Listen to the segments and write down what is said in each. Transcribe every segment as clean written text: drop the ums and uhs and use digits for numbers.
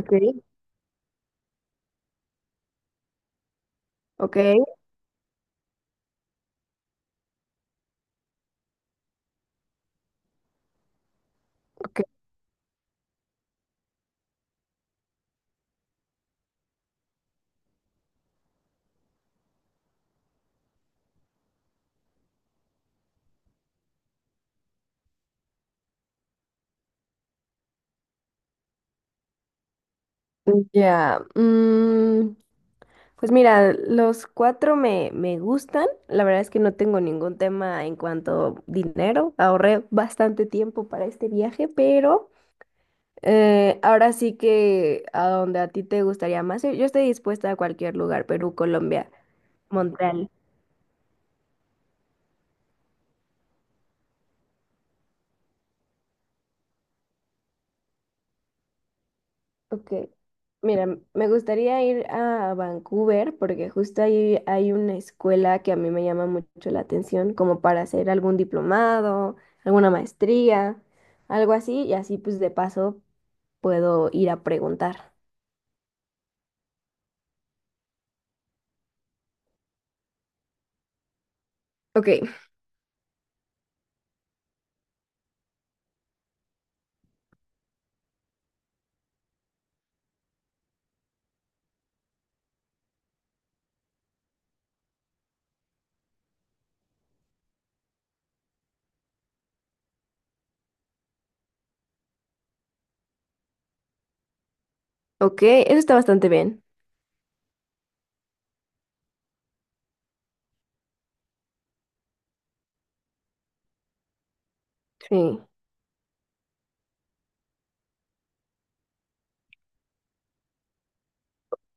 Ok, ok, ok. Ya. Pues mira, los cuatro me gustan. La verdad es que no tengo ningún tema en cuanto a dinero. Ahorré bastante tiempo para este viaje, pero ahora sí que a donde a ti te gustaría más. Yo estoy dispuesta a cualquier lugar, Perú, Colombia, Montreal. Ok, mira, me gustaría ir a Vancouver porque justo ahí hay una escuela que a mí me llama mucho la atención, como para hacer algún diplomado, alguna maestría, algo así, y así pues de paso puedo ir a preguntar. Ok, ok, eso está bastante bien. Sí,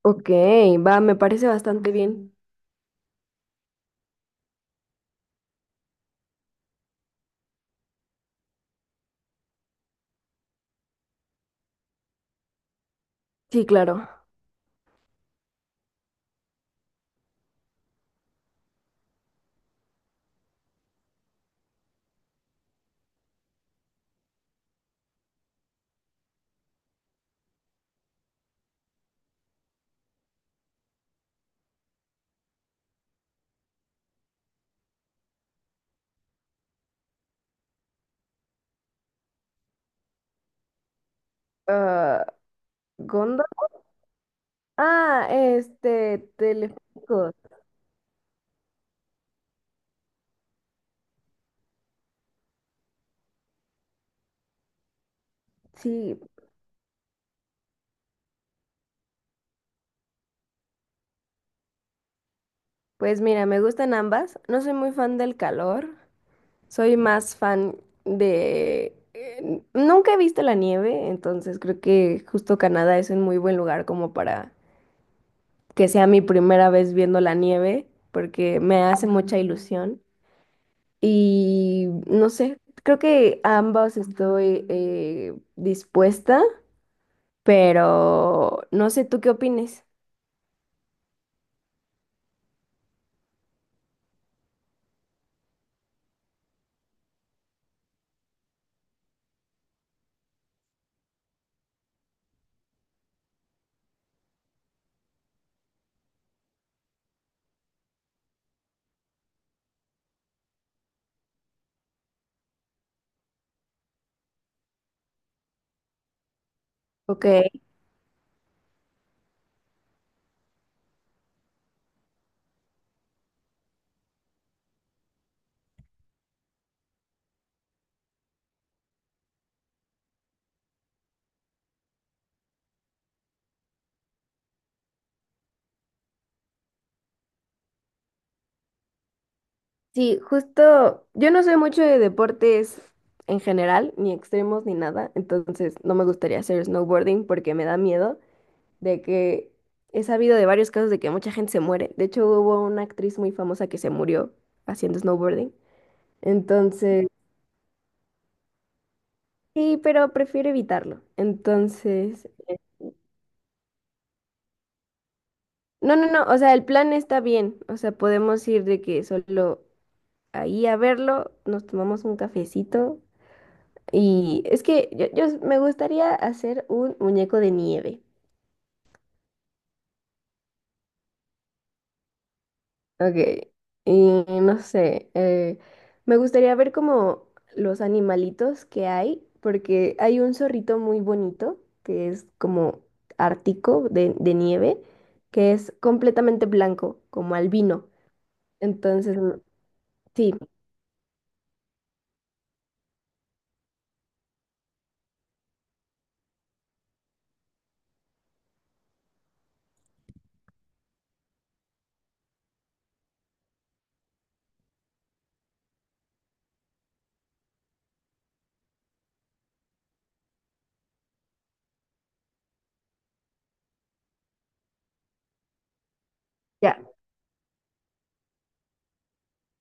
ok, va, me parece bastante bien. Sí, claro. Ah, Gondo. Ah, telefónicos. Sí, pues mira, me gustan ambas. No soy muy fan del calor. Soy más fan de... nunca he visto la nieve, entonces creo que justo Canadá es un muy buen lugar como para que sea mi primera vez viendo la nieve, porque me hace mucha ilusión. Y no sé, creo que a ambos estoy dispuesta, pero no sé tú qué opines. Ok. Sí, justo, yo no soy mucho de deportes en general, ni extremos ni nada, entonces no me gustaría hacer snowboarding porque me da miedo de que he sabido de varios casos de que mucha gente se muere. De hecho, hubo una actriz muy famosa que se murió haciendo snowboarding. Entonces, sí, pero prefiero evitarlo. Entonces, no, no, no, o sea, el plan está bien, o sea, podemos ir de que solo ahí a verlo, nos tomamos un cafecito. Y es que yo me gustaría hacer un muñeco de nieve. Ok, y no sé, me gustaría ver como los animalitos que hay, porque hay un zorrito muy bonito que es como ártico de nieve, que es completamente blanco, como albino. Entonces, mm, sí, ya,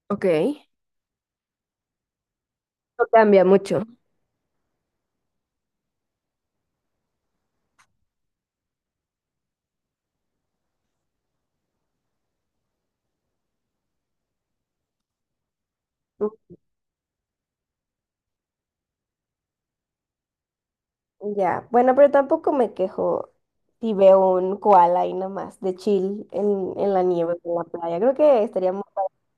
ok. No cambia mucho. Ya, bueno, pero tampoco me quejo si veo un koala ahí nomás de chill en la nieve o en la playa. Creo que estaríamos,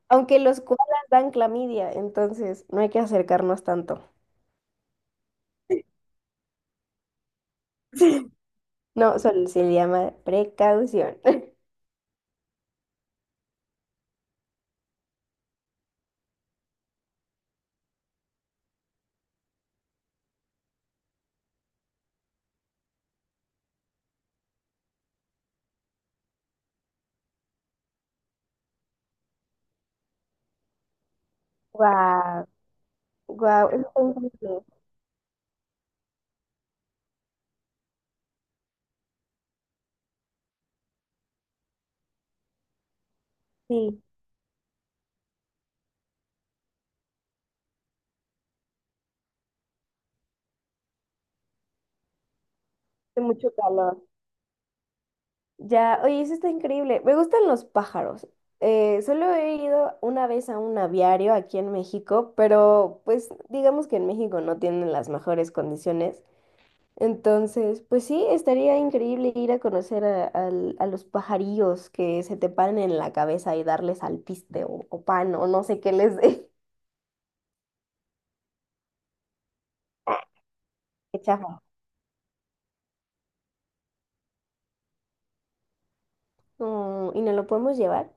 aunque los koalas dan clamidia, entonces no hay que acercarnos tanto. No, solo se le llama precaución. Guau, guau, es increíble. Sí, hace mucho calor. Ya, oye, eso está increíble. Me gustan los pájaros. Solo he ido una vez a un aviario aquí en México, pero pues digamos que en México no tienen las mejores condiciones. Entonces, pues sí, estaría increíble ir a conocer a, a los pajarillos que se te paran en la cabeza y darles alpiste o pan o no sé qué les dé. Qué chafa. Mm, ¿y no lo podemos llevar?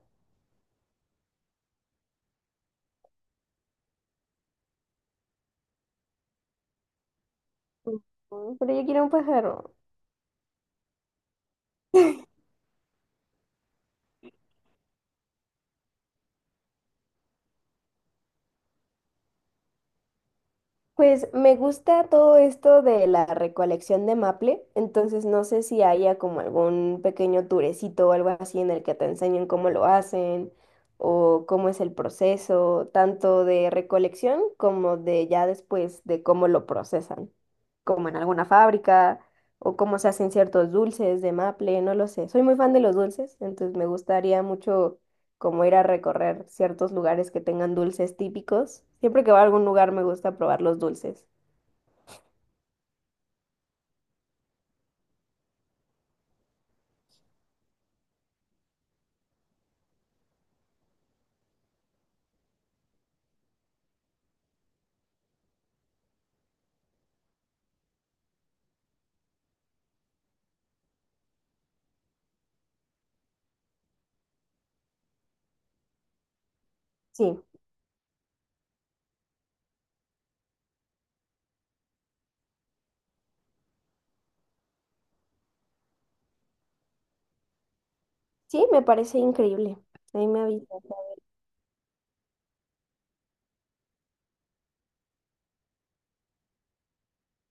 Mm, pero yo quiero un pájaro. Pues me gusta todo esto de la recolección de maple, entonces no sé si haya como algún pequeño turecito o algo así en el que te enseñen cómo lo hacen o cómo es el proceso, tanto de recolección como de ya después de cómo lo procesan, como en alguna fábrica o cómo se hacen ciertos dulces de maple, no lo sé. Soy muy fan de los dulces, entonces me gustaría mucho como ir a recorrer ciertos lugares que tengan dulces típicos. Siempre que voy a algún lugar me gusta probar los dulces. Sí, sí, me parece increíble. Ahí me avisas.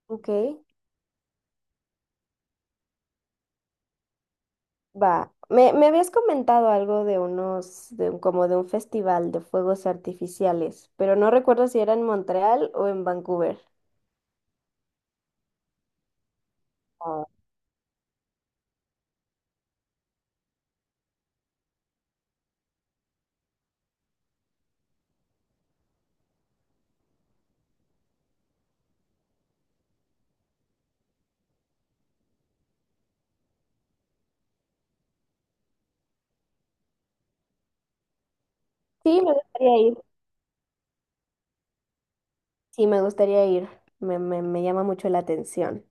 Ok, va. Me habías comentado algo de unos, como de un festival de fuegos artificiales, pero no recuerdo si era en Montreal o en Vancouver. Ah. Sí, me gustaría ir. Sí, me gustaría ir. Me llama mucho la atención.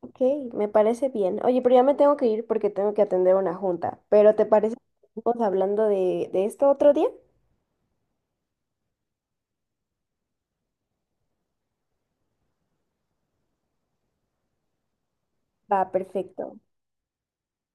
Ok, me parece bien. Oye, pero ya me tengo que ir porque tengo que atender una junta. ¿Pero te parece que estamos hablando de esto otro día? Va, perfecto.